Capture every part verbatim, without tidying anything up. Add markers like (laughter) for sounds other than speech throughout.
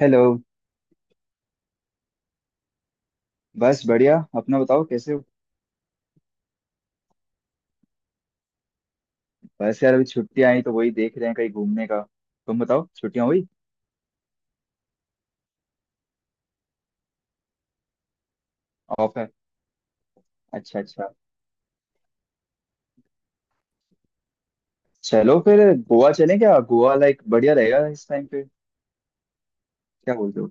Hello. बस बढ़िया, अपना बताओ कैसे हो। बस यार अभी छुट्टियां आई तो वही देख रहे हैं कहीं घूमने का। तुम बताओ छुट्टियां हुई? ऑफ है? अच्छा अच्छा। चलो फिर गोवा चलें क्या? गोवा लाइक बढ़िया रहेगा इस टाइम पे। क्या बोलते हो?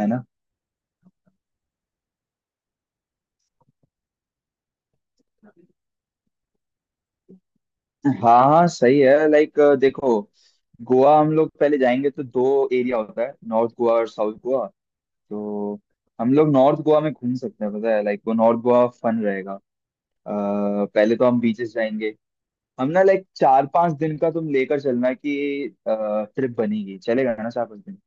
है ना? हाँ हाँ सही है, लाइक देखो, गोवा हम लोग पहले जाएंगे तो दो एरिया होता है, नॉर्थ गोवा और साउथ गोवा। तो हम लोग नॉर्थ गोवा में घूम सकते हैं, पता है लाइक वो नॉर्थ गोवा फन रहेगा। अ, पहले तो हम बीचेस जाएंगे। हम ना लाइक चार पांच दिन का तुम लेकर चलना कि ट्रिप बनेगी, चलेगा ना चार पांच दिन?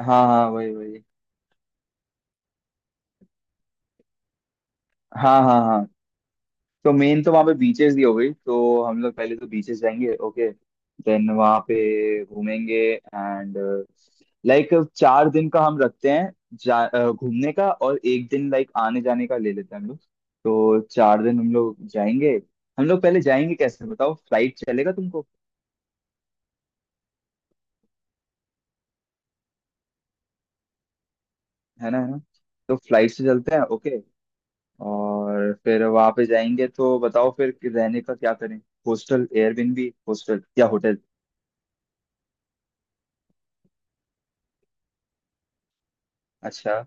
हाँ हाँ वही वही। हाँ हाँ हाँ। तो मेन तो वहाँ पे बीचेस दी हो गई, तो हम लोग पहले तो बीचेस जाएंगे ओके। देन वहाँ पे घूमेंगे एंड लाइक चार दिन का हम रखते हैं जा अ, घूमने का, और एक दिन लाइक आने जाने का ले लेते हैं हम लोग। तो चार दिन हम लोग जाएंगे। हम लोग पहले जाएंगे कैसे बताओ, फ्लाइट चलेगा तुमको? है ना, है ना। तो फ्लाइट से चलते हैं ओके। और फिर वहां पे जाएंगे तो बताओ फिर कि रहने का क्या करें, हॉस्टल एयरबिनबी हॉस्टल या होटल? अच्छा।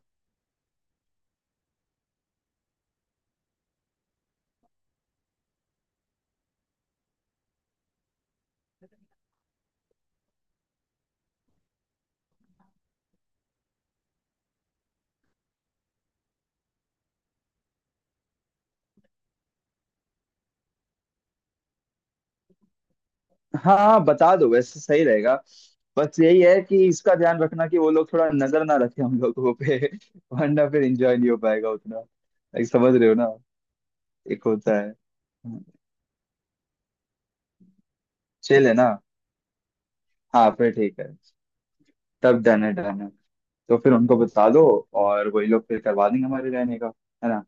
हाँ हाँ बता दो, वैसे सही रहेगा। बस यही है कि इसका ध्यान रखना कि वो लोग थोड़ा नजर ना रखें हम लोगों पे (laughs) वरना फिर एंजॉय नहीं हो पाएगा उतना। एक समझ रहे हो ना, एक होता है चिल, है ना। हाँ फिर ठीक है। तब डन है डन है। तो फिर उनको बता दो, और वही लोग फिर करवा देंगे हमारे रहने का, है ना।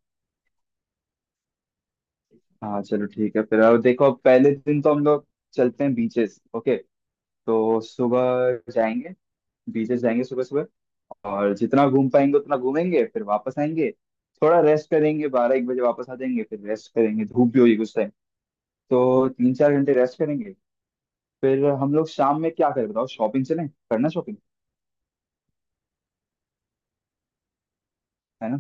हाँ चलो ठीक है फिर। अब देखो पहले दिन तो हम लोग चलते हैं बीचेस ओके। तो सुबह जाएंगे, बीचेस जाएंगे सुबह सुबह, और जितना घूम पाएंगे उतना घूमेंगे, फिर वापस आएंगे, थोड़ा रेस्ट करेंगे, बारह एक बजे वापस आ जाएंगे, फिर रेस्ट करेंगे, धूप भी होगी कुछ टाइम, तो तीन चार घंटे रेस्ट करेंगे। फिर हम लोग शाम में क्या करें बताओ, शॉपिंग चलें, करना शॉपिंग, है ना?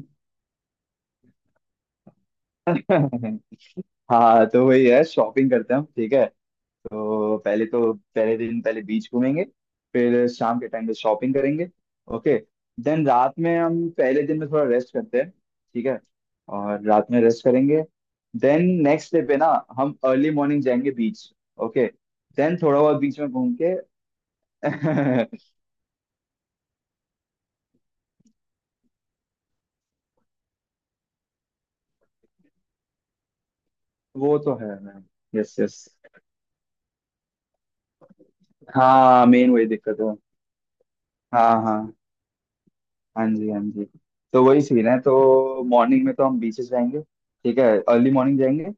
(laughs) हाँ तो वही है, शॉपिंग करते हैं हम, ठीक है। तो पहले तो पहले दिन पहले बीच घूमेंगे, फिर शाम के टाइम पे शॉपिंग करेंगे ओके। देन रात में हम पहले दिन में थोड़ा रेस्ट करते हैं, ठीक है, और रात में रेस्ट करेंगे। देन नेक्स्ट डे पे ना, हम अर्ली मॉर्निंग जाएंगे बीच ओके। देन थोड़ा बहुत बीच में घूम के (laughs) वो तो है मैम। Yes yes. हाँ मेन वही दिक्कत है। हाँ हाँ। हाँ जी हाँ जी। तो वही सीन है, तो मॉर्निंग में तो हम बीचेस जाएंगे, ठीक है, अर्ली मॉर्निंग जाएंगे,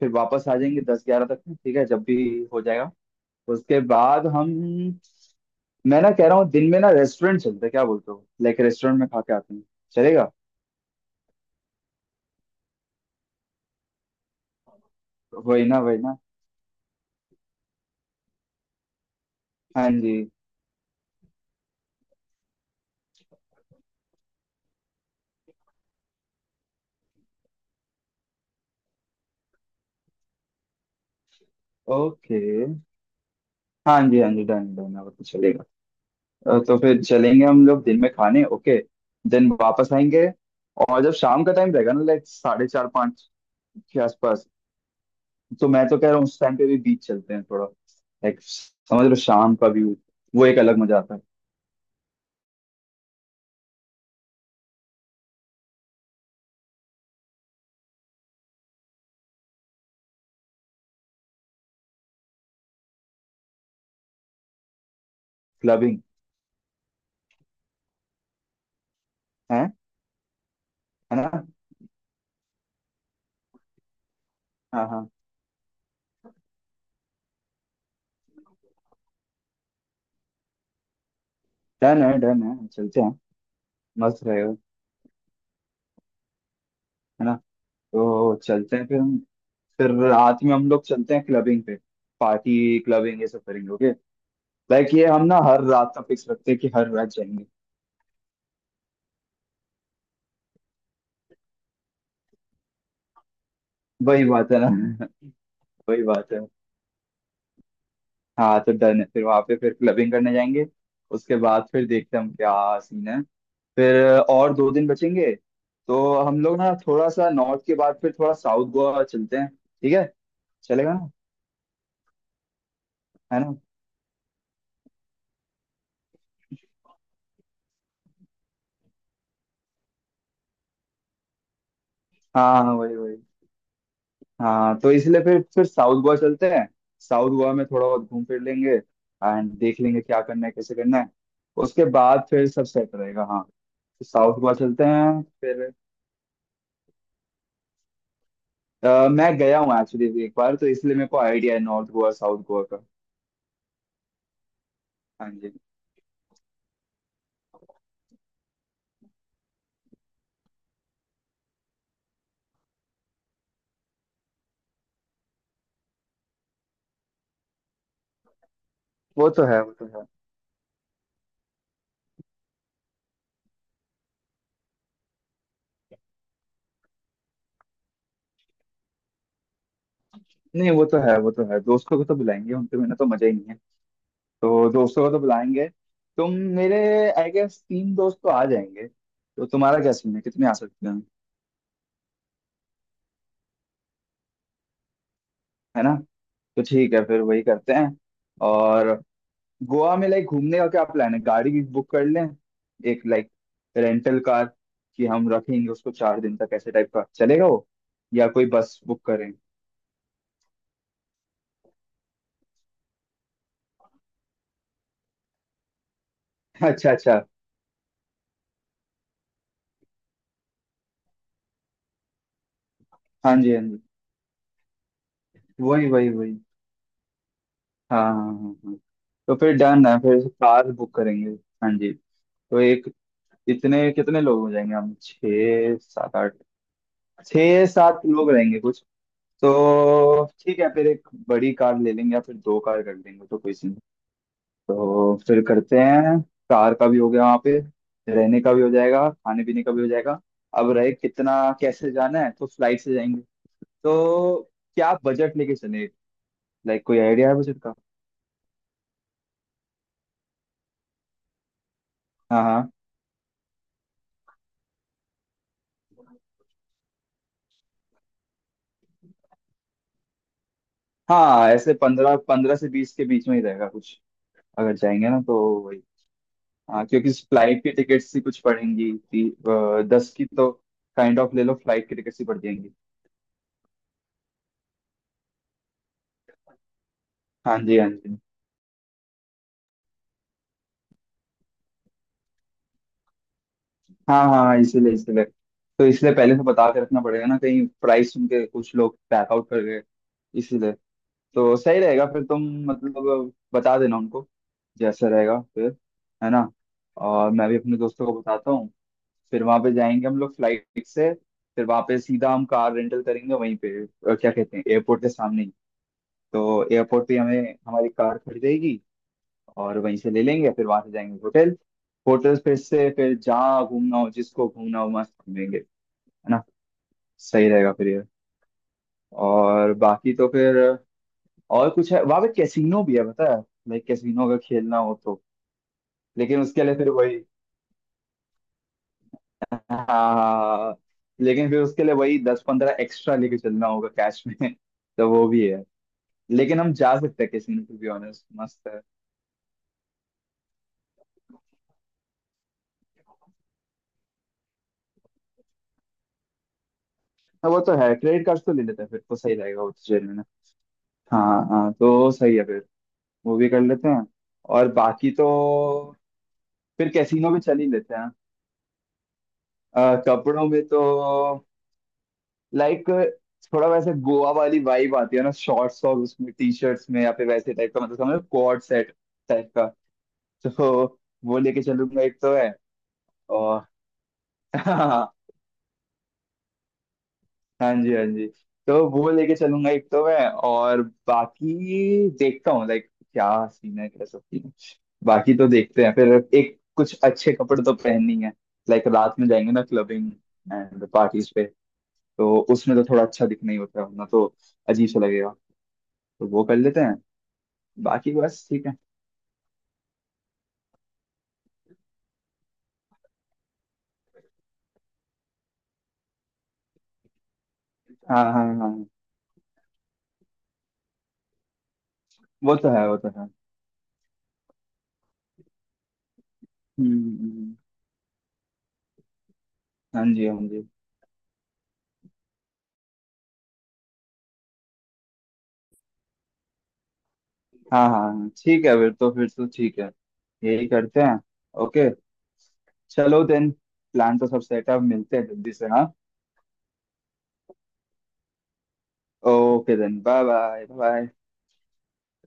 फिर वापस आ जाएंगे दस ग्यारह तक में, ठीक है जब भी हो जाएगा। उसके बाद हम, मैं ना कह रहा हूँ दिन में ना रेस्टोरेंट चलते हैं, क्या बोलते हो, लाइक रेस्टोरेंट में खा के आते हैं, चलेगा? वही ना वही ना। हाँ जी। ओके। हाँ जी हाँ जी डन डन, वो तो चलेगा। अ, तो फिर चलेंगे हम लोग दिन में खाने ओके। देन वापस आएंगे, और जब शाम का टाइम रहेगा ना लाइक साढ़े चार पाँच के आसपास, तो मैं तो कह रहा हूँ उस टाइम पे भी बीच चलते हैं थोड़ा, लाइक समझ लो शाम का व्यू, वो एक अलग मजा आता है। क्लबिंग है है ना। हाँ हाँ। डन है डन है चलते हैं, मस्त रहेगा, है ना। तो चलते हैं फिर हम। फिर रात में हम लोग चलते हैं क्लबिंग पे, पार्टी क्लबिंग ये सब करेंगे ओके। लाइक ये हम ना हर रात का फिक्स रखते हैं कि हर रात जाएंगे। वही बात है ना। (laughs) वही बात है। हाँ तो डन है, फिर वहां पे फिर क्लबिंग करने जाएंगे। उसके बाद फिर देखते हैं हम क्या सीन है फिर। और दो दिन बचेंगे, तो हम लोग ना थोड़ा सा नॉर्थ के बाद फिर थोड़ा साउथ गोवा चलते हैं, ठीक है, चलेगा ना, है ना। हाँ हाँ हाँ, वही वही। हाँ तो इसलिए फिर फिर साउथ गोवा चलते हैं, साउथ गोवा में थोड़ा बहुत घूम फिर लेंगे, एंड देख लेंगे क्या करना है कैसे करना है, उसके बाद फिर सब सेट रहेगा। हाँ तो साउथ गोवा चलते हैं फिर। अ, मैं गया हूँ एक्चुअली एक बार, तो इसलिए मेरे को आइडिया है नॉर्थ गोवा साउथ गोवा का। हाँ जी। वो तो है वो तो है। नहीं वो तो है वो तो है, दोस्तों को तो बुलाएंगे, उनके बिना तो मजा ही नहीं। तो दोस्तों को तो बुलाएंगे। तुम मेरे, आई गेस तीन दोस्त तो आ जाएंगे, तो तुम्हारा क्या सीन है कितने आ सकते हैं? है ना। तो ठीक है फिर वही करते हैं। और गोवा में लाइक घूमने का क्या प्लान है, गाड़ी भी बुक कर लें एक लाइक रेंटल कार, कि हम रखेंगे उसको चार दिन तक, ऐसे टाइप का चलेगा वो? या कोई बस बुक करें? (laughs) अच्छा अच्छा। हाँ जी हाँ जी, वही वही वही, हाँ हाँ हाँ हाँ। तो फिर डन है, फिर कार बुक करेंगे। हाँ जी। तो एक, इतने कितने लोग हो जाएंगे हम, छः सात आठ, छः सात लोग रहेंगे कुछ। तो ठीक है फिर एक बड़ी कार ले लेंगे, या फिर दो कार कर लेंगे तो कोई सीन नहीं। तो फिर करते हैं। कार का भी हो गया, वहाँ पे रहने का भी हो जाएगा, खाने पीने का भी हो जाएगा। अब रहे कितना, कैसे जाना है, तो फ्लाइट से जाएंगे। तो क्या बजट लेके चले, लाइक कोई आइडिया है बजट का? हाँ हाँ। हाँ ऐसे पंद्रह पंद्रह से बीस के बीच में ही रहेगा कुछ अगर जाएंगे ना तो। वही। हाँ क्योंकि फ्लाइट की टिकट्स ही कुछ पड़ेंगी ती, अ, दस की तो, काइंड ऑफ ले लो, फ्लाइट की टिकट्स ही पड़ जाएंगी। हाँ जी हाँ जी। हाँ हाँ इसीलिए इसीलिए। तो इसलिए पहले से बता के रखना पड़ेगा ना, कहीं प्राइस सुन के कुछ लोग पैक आउट कर गए, इसीलिए। तो सही रहेगा फिर, तुम मतलब बता देना उनको जैसा रहेगा फिर, है ना। और मैं भी अपने दोस्तों को बताता हूँ। फिर वहां पे जाएंगे हम लोग फ्लाइट से, फिर वहां पे सीधा हम कार रेंटल करेंगे वहीं पे अ, क्या कहते हैं एयरपोर्ट के सामने, तो एयरपोर्ट पे हमें हमारी कार खड़ी रहेगी, और वहीं से ले लेंगे, फिर वहां से जाएंगे होटल। होटल फिर से, फिर जहाँ घूमना हो जिसको घूमना हो मस्त घूमेंगे, है ना। सही रहेगा फिर ये। और बाकी तो फिर, और कुछ है वहां पे, कैसीनो भी है पता है, लाइक कैसीनो अगर खेलना हो तो। लेकिन उसके लिए फिर वही (laughs) हाँ हाँ, हाँ। लेकिन फिर उसके लिए वही दस पंद्रह एक्स्ट्रा लेके चलना होगा कैश में (laughs) तो वो भी है। लेकिन हम जा सकते हैं कैसीनो टू बी ऑनेस्ट, मस्त है। हाँ, वो तो है, क्रेडिट कार्ड तो ले लेते हैं फिर, तो सही रहेगा, वो तो जेल में ना। हाँ हाँ तो सही है फिर, वो भी कर लेते हैं। और बाकी तो फिर कैसीनो भी चल ही लेते हैं। अ, कपड़ों में तो लाइक थोड़ा वैसे गोवा वाली वाइब आती है ना, शॉर्ट्स और उसमें टी शर्ट्स में, या फिर वैसे टाइप का, मतलब समझो कोड सेट टाइप का, तो वो लेके चलूंगा एक तो है। और (laughs) हाँ जी हाँ जी, तो वो लेके चलूंगा एक तो मैं, और बाकी देखता हूँ लाइक क्या सीन है कैसा सीन है, बाकी तो देखते हैं फिर। एक कुछ अच्छे कपड़े तो पहननी है, लाइक रात में जाएंगे ना क्लबिंग एंड पार्टीज पे, तो उसमें तो थोड़ा अच्छा दिखना ही होता है वरना तो अजीब सा लगेगा, तो वो कर लेते हैं, बाकी बस ठीक है। हाँ हाँ हाँ हाँ। वो तो है वो तो है। हम्म हम्म, हम्म। हाँ जी हाँ जी। हाँ हाँ हाँ, ठीक है फिर, तो फिर तो ठीक है, यही करते हैं ओके। चलो देन, प्लान तो सब सेट है, अब मिलते हैं जल्दी से हाँ। Okay then bye bye bye.